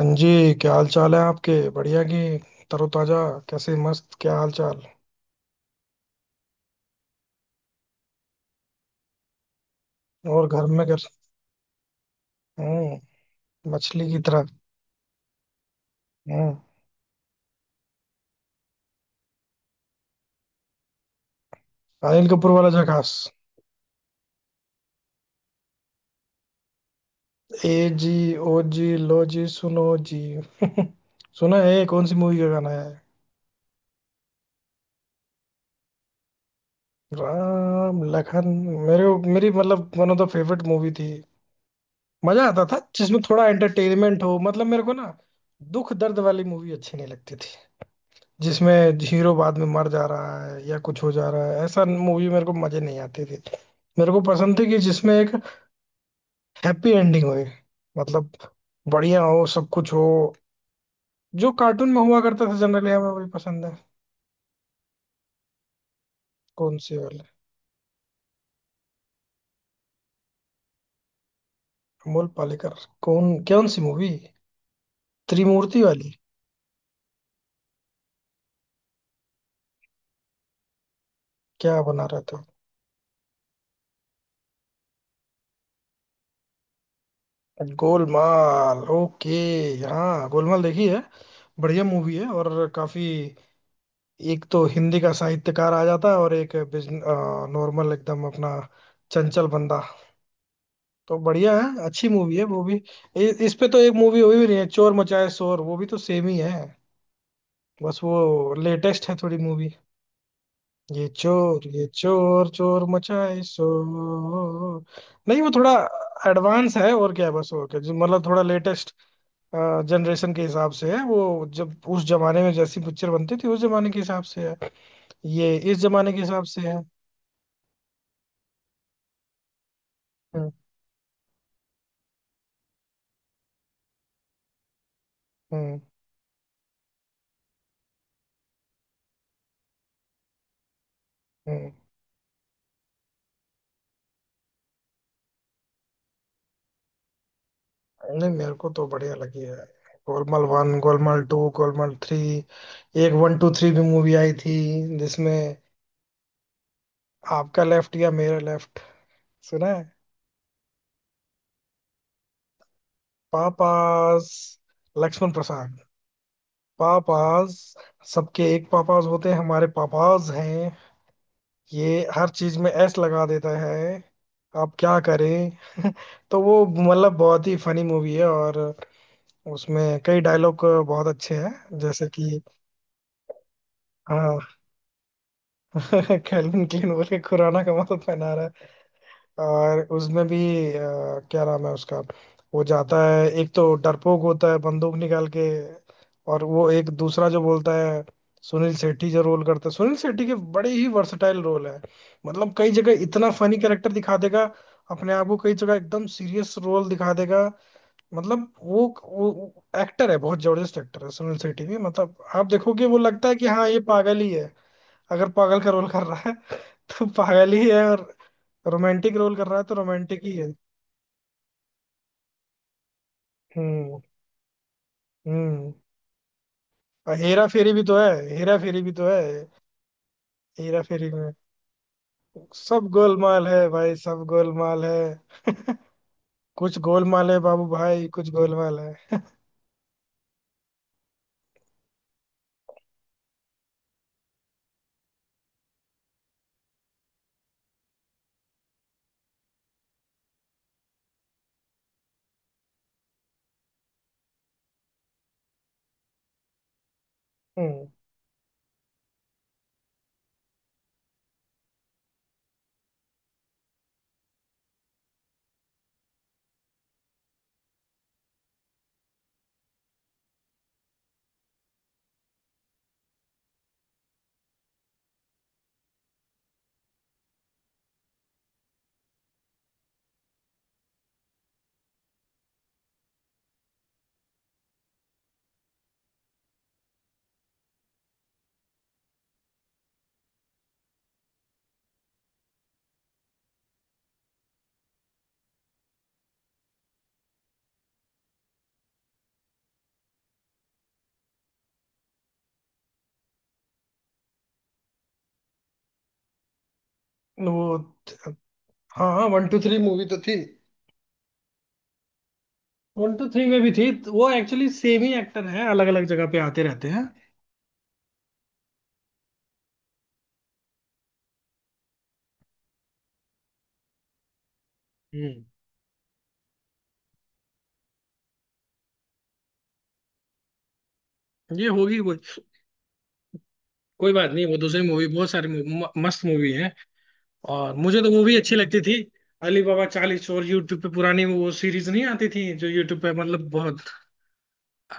हाँ जी। क्या हाल चाल है आपके? बढ़िया की। तरोताजा। कैसे, मस्त? क्या हाल चाल? और घर में कर? हम्म। मछली की तरह। हम्म। अनिल कपूर वाला जकास। ए जी, ओ जी, लो जी, सुनो जी। सुना है, कौन सी मूवी का गाना है? राम लखन। मेरी मतलब one of the favourite movie थी। मजा आता था जिसमें थोड़ा एंटरटेनमेंट हो, मतलब मेरे को ना दुख दर्द वाली मूवी अच्छी नहीं लगती, जिसमें हीरो बाद में मर जा रहा है या कुछ हो जा रहा है, ऐसा मूवी मेरे को मजे नहीं आते थे। मेरे को पसंद थी कि जिसमें एक हैप्पी एंडिंग होए, मतलब बढ़िया हो, सब कुछ हो। जो कार्टून में हुआ करता था, जनरली हमें वही पसंद है। कौन सी वाली? अमोल पालेकर। कौन कौन सी मूवी? त्रिमूर्ति वाली? क्या बना रहे थे? गोलमाल, ओके। हाँ, गोलमाल देखी है। बढ़िया मूवी है, और काफी। एक तो हिंदी का साहित्यकार आ जाता है और एक बिजन, नॉर्मल एकदम अपना, चंचल बंदा। तो बढ़िया है, अच्छी मूवी है वो भी। इ, इस पे तो एक मूवी हुई भी नहीं है, चोर मचाए शोर, वो भी तो सेम ही है। बस वो लेटेस्ट है थोड़ी मूवी। ये चोर, चोर मचाए शोर। नहीं वो थोड़ा एडवांस है और क्या है, बस और क्या, जो मतलब थोड़ा लेटेस्ट जनरेशन के हिसाब से है। वो जब उस जमाने में जैसी पिक्चर बनती थी, उस जमाने के हिसाब से है, ये इस जमाने के हिसाब से है। हम्म। हम्म। नहीं मेरे को तो बढ़िया लगी है। Golmaal one, Golmaal two, Golmaal three. एक वन टू थ्री भी मूवी आई थी, जिसमें आपका लेफ्ट या मेरा लेफ्ट, सुना है? पापाज। लक्ष्मण प्रसाद। पापाज। सबके एक पापाज होते हैं, हमारे पापाज हैं। ये हर चीज में एस लगा देता है, आप क्या करें। तो वो मतलब बहुत ही फनी मूवी है, और उसमें कई डायलॉग बहुत अच्छे हैं, जैसे कि हाँ। कैल्विन क्लीन बोल के खुराना का मतलब पहना रहा है। और उसमें भी क्या नाम है उसका, वो जाता है, एक तो डरपोक होता है बंदूक निकाल के, और वो एक दूसरा जो बोलता है। सुनील शेट्टी जो रोल करता है, सुनील शेट्टी के बड़े ही वर्सटाइल रोल है, मतलब कई जगह इतना फनी कैरेक्टर दिखा देगा अपने आप को, कई जगह एकदम सीरियस रोल दिखा देगा। मतलब वो एक्टर है, बहुत जबरदस्त एक्टर है सुनील शेट्टी भी, मतलब आप देखोगे वो लगता है कि हाँ ये पागल ही है। अगर पागल का रोल कर रहा है तो पागल ही है, और रोमांटिक रोल कर रहा है तो रोमांटिक ही है। हम्म। हम्म। और हेरा फेरी भी तो है, हेरा फेरी भी तो है। हेरा फेरी में सब गोलमाल है भाई, सब गोलमाल है, कुछ गोलमाल है बाबू भाई, कुछ गोलमाल है। हम्म। वो तो, हाँ हाँ, वन टू थ्री मूवी तो थी। वन टू थ्री में भी थी, तो वो एक्चुअली सेम ही एक्टर है, अलग अलग जगह पे आते रहते हैं। हम्म। ये होगी कोई, कोई बात नहीं, वो दूसरी मूवी, बहुत सारी मूवी, मस्त मूवी है। और मुझे तो वो भी अच्छी लगती थी। अली बाबा चालीस चोर, यूट्यूब पे पुरानी वो सीरीज नहीं आती थी जो यूट्यूब पे, मतलब बहुत।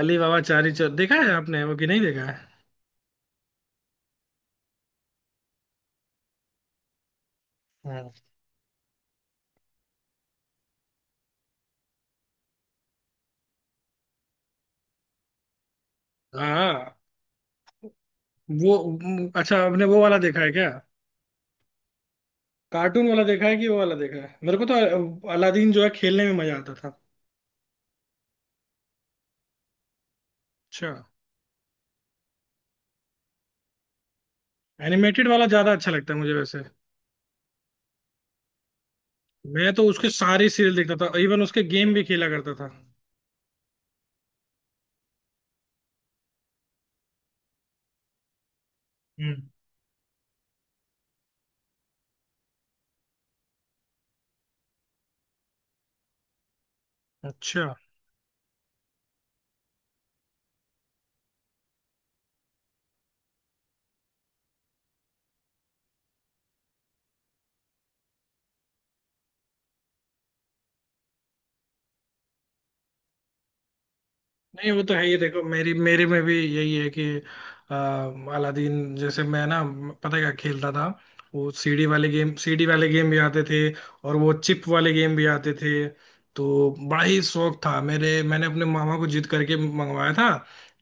अली बाबा चालीस चोर देखा है आपने वो, कि नहीं देखा है? हम्म। हाँ वो, अच्छा आपने वो वाला देखा है क्या, कार्टून वाला देखा है कि वो वाला देखा है? मेरे को तो अलादीन जो है, खेलने में मजा आता था। अच्छा। एनिमेटेड वाला ज्यादा अच्छा लगता है मुझे वैसे। मैं तो उसके सारे सीरियल देखता था, इवन उसके गेम भी खेला करता था। हम्म। अच्छा। नहीं वो तो है ही, देखो मेरी मेरे में भी यही है कि आ, अलादीन जैसे मैं ना, पता है क्या खेलता था? वो सीडी वाले गेम, सीडी वाले गेम भी आते थे, और वो चिप वाले गेम भी आते थे। तो बड़ा ही शौक था मेरे, मैंने अपने मामा को जिद करके मंगवाया था,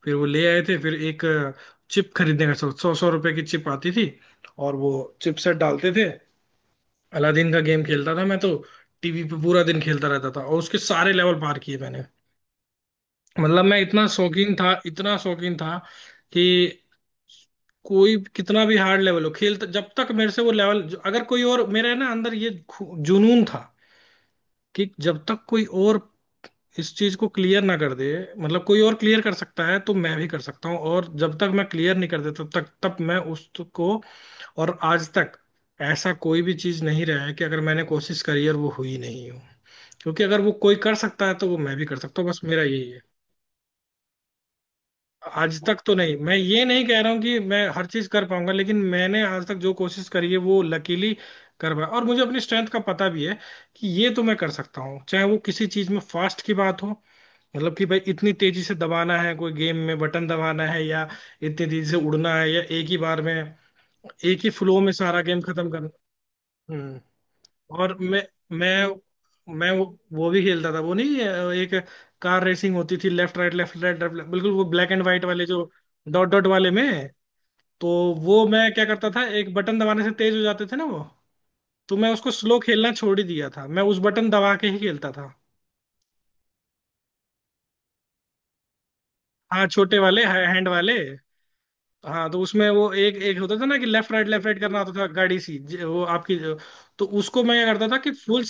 फिर वो ले आए थे। फिर एक चिप खरीदने का सोच, सौ सौ रुपए की चिप आती थी, और वो चिप सेट डालते थे। अलादीन का गेम खेलता था मैं तो, टीवी पे पूरा दिन खेलता रहता था, और उसके सारे लेवल पार किए मैंने। मतलब मैं इतना शौकीन था, इतना शौकीन था कि कोई कितना भी हार्ड लेवल हो, खेल, जब तक मेरे से वो लेवल, अगर कोई और, मेरे ना अंदर ये जुनून था कि जब तक कोई और इस चीज को क्लियर ना कर दे, मतलब कोई और क्लियर कर सकता है तो मैं भी कर सकता हूँ, और जब तक मैं क्लियर नहीं कर देता तब तक, तब मैं उसको। और आज तक ऐसा कोई भी चीज नहीं रहा है कि अगर मैंने कोशिश करी और वो हुई नहीं हो, क्योंकि अगर वो कोई कर सकता है तो वो मैं भी कर सकता हूँ, बस मेरा यही है। आज तक तो नहीं, मैं ये नहीं कह रहा हूँ कि मैं हर चीज कर पाऊंगा, लेकिन मैंने आज तक जो कोशिश करी है वो लकीली कर पाया, और मुझे अपनी स्ट्रेंथ का पता भी है कि ये तो मैं कर सकता हूँ। चाहे वो किसी चीज में फास्ट की बात हो, मतलब कि भाई इतनी तेजी से दबाना है कोई गेम में बटन दबाना है, या इतनी तेजी से उड़ना है, या एक ही बार में एक ही फ्लो में सारा गेम खत्म करना। हम्म। और मैं मैं वो भी खेलता था वो, नहीं एक कार रेसिंग होती थी, लेफ्ट राइट लेफ्ट राइट, बिल्कुल वो ब्लैक एंड व्हाइट वाले जो डॉट डॉट वाले में। तो वो मैं क्या करता था, एक बटन दबाने से तेज हो जाते थे ना वो, तो मैं उसको स्लो खेलना छोड़ ही दिया था, मैं उस बटन दबा के ही खेलता था। हाँ छोटे वाले, हैंड वाले। हाँ, तो उसमें वो एक एक होता था ना कि लेफ्ट राइट करना होता था, गाड़ी सी वो आपकी। तो उसको मैं क्या करता था कि फुल,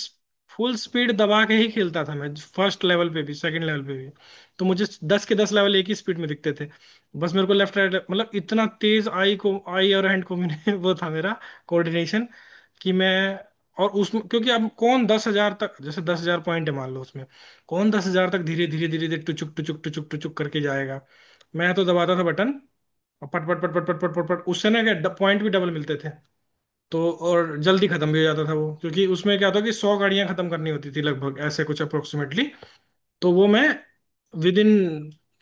फुल स्पीड दबा के ही खेलता था मैं, फर्स्ट लेवल पे भी सेकंड लेवल पे भी, तो मुझे दस के दस लेवल एक ही स्पीड में दिखते थे। बस मेरे को लेफ्ट राइट मतलब इतना तेज, आई को आई और हैंड को, मैंने वो था मेरा कोऑर्डिनेशन कि मैं। और उसमें क्योंकि अब कौन 10,000 तक, जैसे 10,000 पॉइंट है मान लो, उसमें कौन 10,000 तक धीरे धीरे धीरे धीरे टुचुक टुचुक टुचुक टुचुक करके जाएगा? मैं तो दबाता था बटन, और पट पट पट पट पट पट पट पट, उससे ना क्या पॉइंट भी डबल मिलते थे, तो और जल्दी खत्म भी हो जाता था वो, क्योंकि उसमें क्या होता कि 100 गाड़ियां खत्म करनी होती थी लगभग, ऐसे कुछ अप्रोक्सीमेटली, तो वो मैं विद इन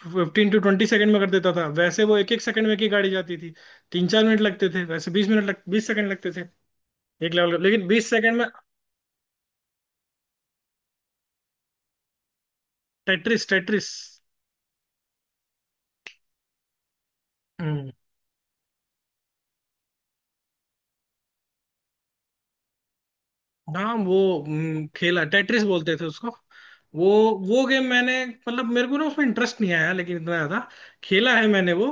15 to 20 सेकंड में कर देता था, वैसे वो एक एक सेकंड में एक ही गाड़ी जाती थी, 3-4 मिनट लगते थे वैसे, बीस मिनट लग बीस सेकंड लगते थे एक लेवल, लेकिन 20 सेकंड में। Tetris, Tetris. हाँ वो, खेला, टेट्रिस बोलते थे उसको। वो वो गेम मैंने, मतलब मेरे को ना उसमें इंटरेस्ट नहीं आया, लेकिन इतना ज्यादा खेला है मैंने वो।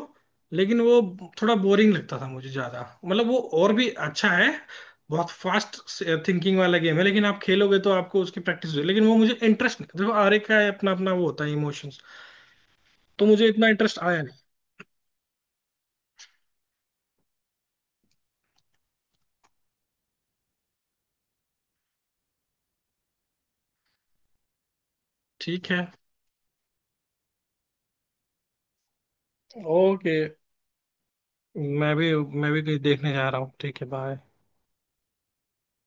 लेकिन वो थोड़ा बोरिंग लगता था मुझे ज्यादा, मतलब वो और भी अच्छा है, बहुत फास्ट थिंकिंग वाला गेम है, लेकिन आप खेलोगे तो आपको उसकी प्रैक्टिस होगी। लेकिन वो मुझे इंटरेस्ट नहीं, देखो हर एक का अपना अपना वो होता है, इमोशंस, तो मुझे इतना इंटरेस्ट आया नहीं। ठीक है, ओके। मैं भी, मैं भी कहीं देखने जा रहा हूँ। ठीक है, बाय।